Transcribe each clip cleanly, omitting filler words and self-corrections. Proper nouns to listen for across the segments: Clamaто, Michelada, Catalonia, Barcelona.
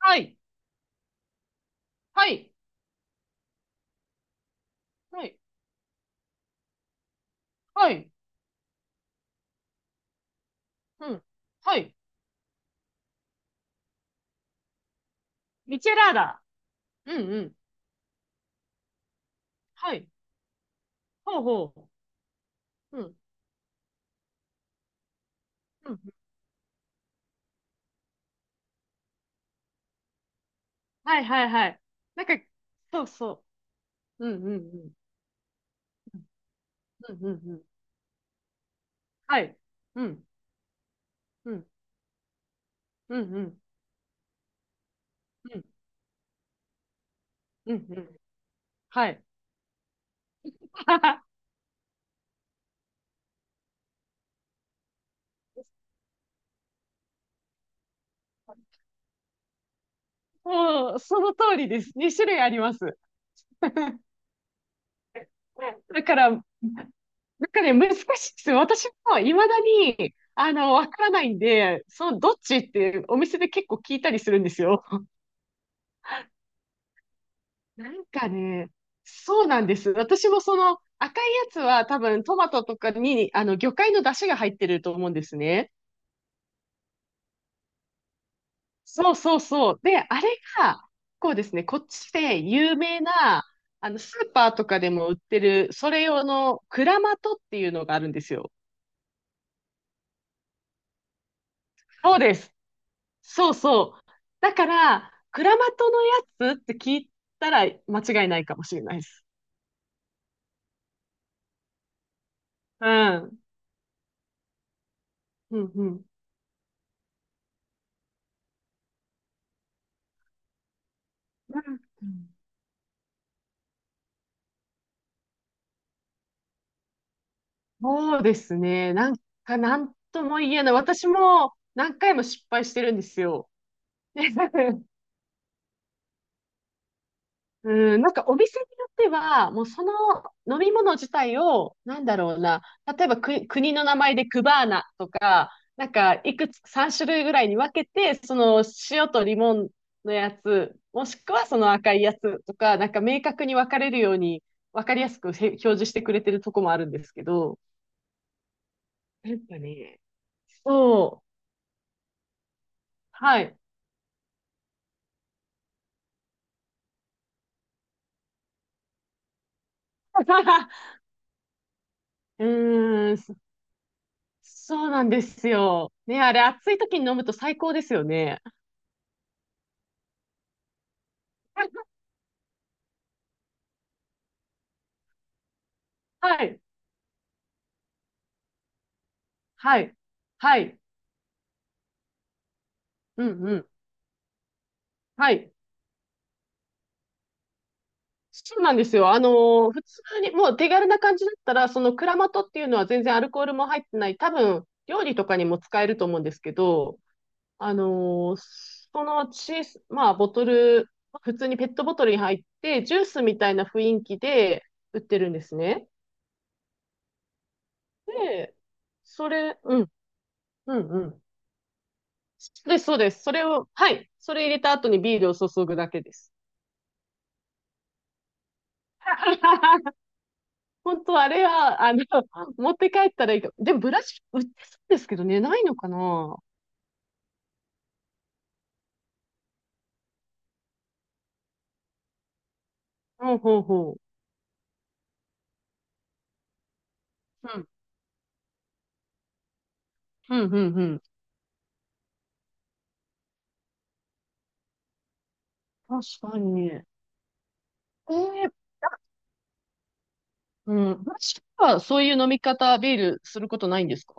はい。はい。はい。はい。うん。はい。ミチェラーダ。うんうん。はい。ほうほう。うん。うん。はいはいはい。なんか、そうそう。うんうんうん。うんうんうん。はい。うん。うん。うんうん。うん。うんうん。はい。もう、その通りです。2種類あります。だから、なんかね、難しいです。私も未だに、わからないんで、どっちってお店で結構聞いたりするんですよ。なんかね、そうなんです。私もその赤いやつは多分トマトとかに魚介の出汁が入ってると思うんですね。そうそうそう。で、あれが、こうですね、こっちで有名な、スーパーとかでも売ってる、それ用のクラマトっていうのがあるんですよ。そうです。そうそう。だから、クラマトのやつって聞いたら間違いないかもしれないです。うん。うんうん。うん。そうですね。なんか、なんとも言えない。私も何回も失敗してるんですよ。で うん、なんかお店によっては、もうその飲み物自体を、なんだろうな、例えば国の名前でクバーナとか、なんかいくつ、3種類ぐらいに分けて、その塩とリモンのやつ、もしくはその赤いやつとか、なんか明確に分かれるように、分かりやすくへ表示してくれてるとこもあるんですけど、なんかね、そう、はい。うーん、そうなんですよ。ね、あれ、暑い時に飲むと最高ですよね。はい、はい、はい、うん、うん、はい。そうなんですよ。普通に、もう手軽な感じだったら、そのクラマトっていうのは全然アルコールも入ってない、多分、料理とかにも使えると思うんですけど、あのーその小さ、まあ、ボトル、普通にペットボトルに入って、ジュースみたいな雰囲気で売ってるんですね。で、それ、うん。うんうん。そうです、そうです。それを、はい。それ入れた後にビールを注ぐだけです。本当あれは、持って帰ったらいいか。でも、ブラシ売ってそうですけどね、ないのかな。ほうほうほう。うん、うん、うん、うん。確かに。ー、うん。ブラシはそういう飲み方、ビールすることないんですか？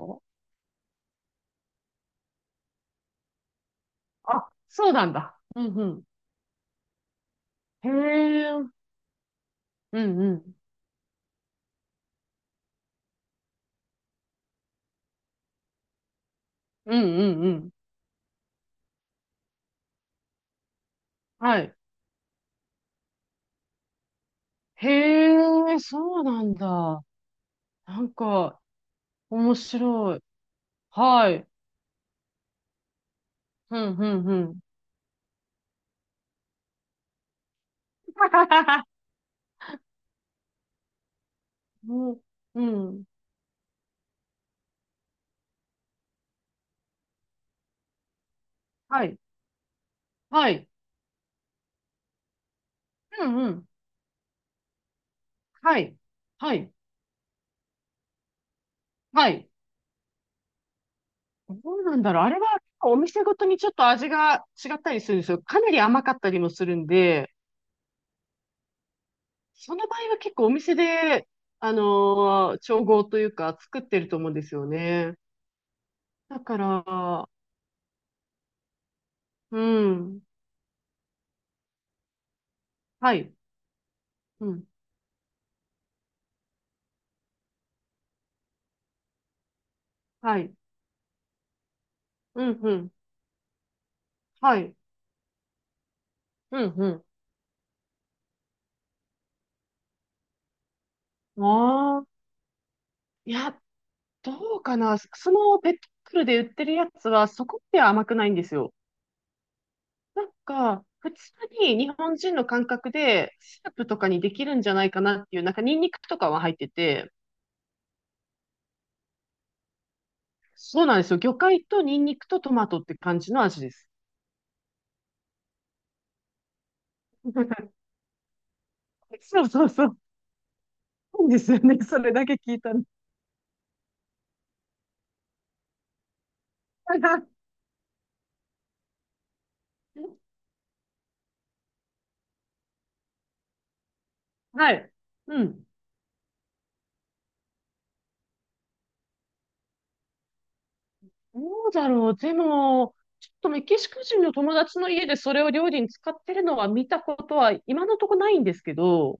あ、そうなんだ。うん、うん。へえ。うん、うん。うん、うん、うん。はい。へえ、そうなんだ。なんか、面白い。はい。うん、うん、うん。うん、うん。はい。はい。うん、うん。はい。はい。はい。どうなんだろう。あれは、お店ごとにちょっと味が違ったりするんですよ。かなり甘かったりもするんで、その場合は結構お店で、調合というか作ってると思うんですよね。だから、うん。はい。うん。はい。うん、うん。はい。うん、うん。ああ。いや、どうかな。そのペットボトルで売ってるやつはそこまでは甘くないんですよ。なんか、普通に日本人の感覚でスープとかにできるんじゃないかなっていう、なんかニンニクとかは入ってて、そうなんですよ。魚介とニンニクとトマトって感じの味です。そうそうそう。そうですよね。それだけ聞いたの。はい。うん。どうだろう。でも、ちょっとメキシコ人の友達の家でそれを料理に使ってるのは見たことは今のところないんですけど、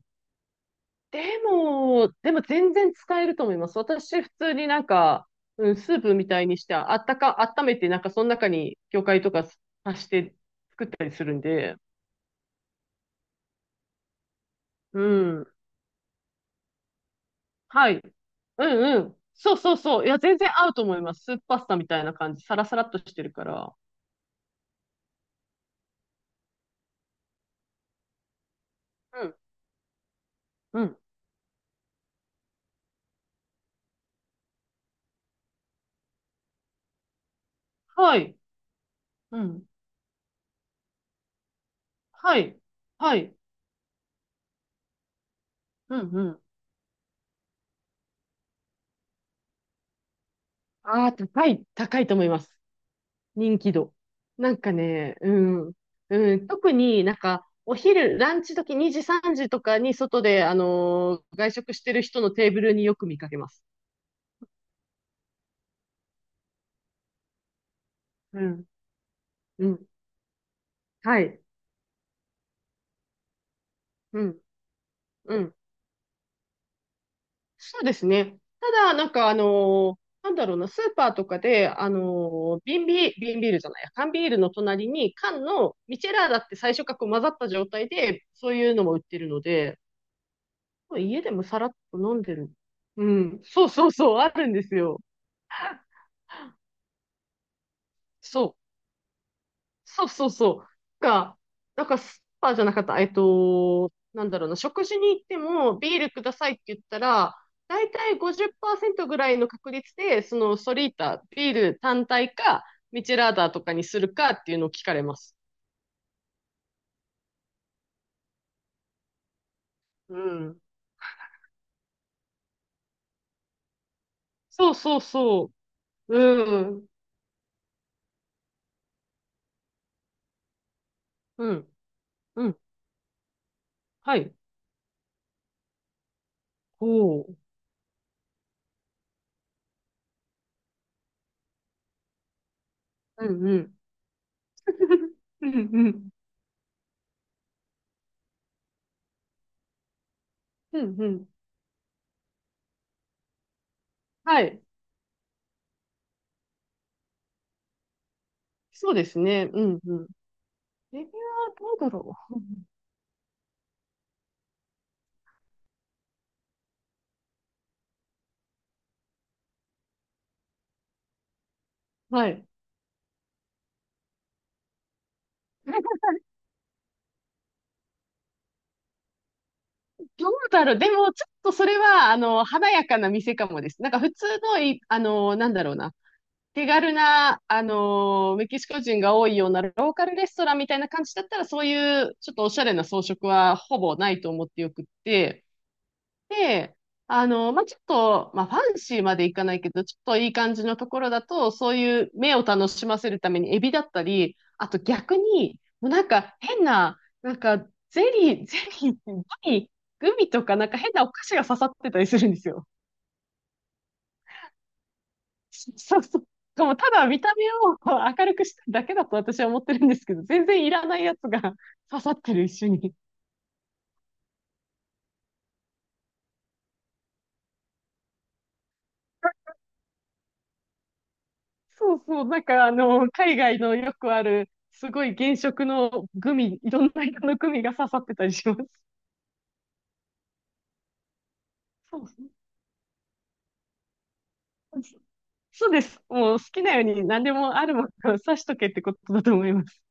でも全然使えると思います。私、普通になんか、うん、スープみたいにして、あったか、温めて、なんかその中に魚介とか足して作ったりするんで、うん。はい。うんうん。そうそうそう。いや、全然合うと思います。スープパスタみたいな感じ。サラサラっとしてるから。うん。うん。はい。うん。はい。はい。うんうん。ああ、高い、高いと思います。人気度。なんかね、うん。うん、特になんか、お昼、ランチ時2時、3時とかに外で、外食してる人のテーブルによく見かけます。うん。うん。はい。うん。うん。そうですね。ただ、なんかなんだろうな、スーパーとかで、瓶ビール、瓶ビールじゃないや、缶ビールの隣に缶のミチェラーだって最初からこう混ざった状態で、そういうのも売ってるので、家でもさらっと飲んでる。うん、そうそうそう、あるんですよ。そう。そうそうそう。が、なんかスーパーじゃなかった。なんだろうな。食事に行ってもビールくださいって言ったら、だいたい50%ぐらいの確率で、そのソリータ、ビール単体か、ミチェラーダとかにするかっていうのを聞かれます。うん。そうそうそう。うん。うん。うん。はい。ほう。うんうん。うんうん。うんうん。はい。そうですね。うんうん。レビューはどうだろう。はい。どうだろう。でも、ちょっとそれは、華やかな店かもです。なんか普通のい、あの、なんだろうな。手軽な、メキシコ人が多いようなローカルレストランみたいな感じだったら、そういう、ちょっとおしゃれな装飾はほぼないと思ってよくって、で、まあ、ちょっと、まあ、ファンシーまでいかないけど、ちょっといい感じのところだと、そういう目を楽しませるためにエビだったり、あと逆に、もうなんか変な、なんかゼリー、グミとかなんか変なお菓子が刺さってたりするんですよ。そうそう。でもただ見た目を明るくしただけだと私は思ってるんですけど、全然いらないやつが 刺さってる一緒に。そうそう、なんか海外のよくある、すごい原色のグミ、いろんな色のグミが刺さってたりします。そうそうそうです。もう好きなように何でもあるものを刺しとけってことだと思います。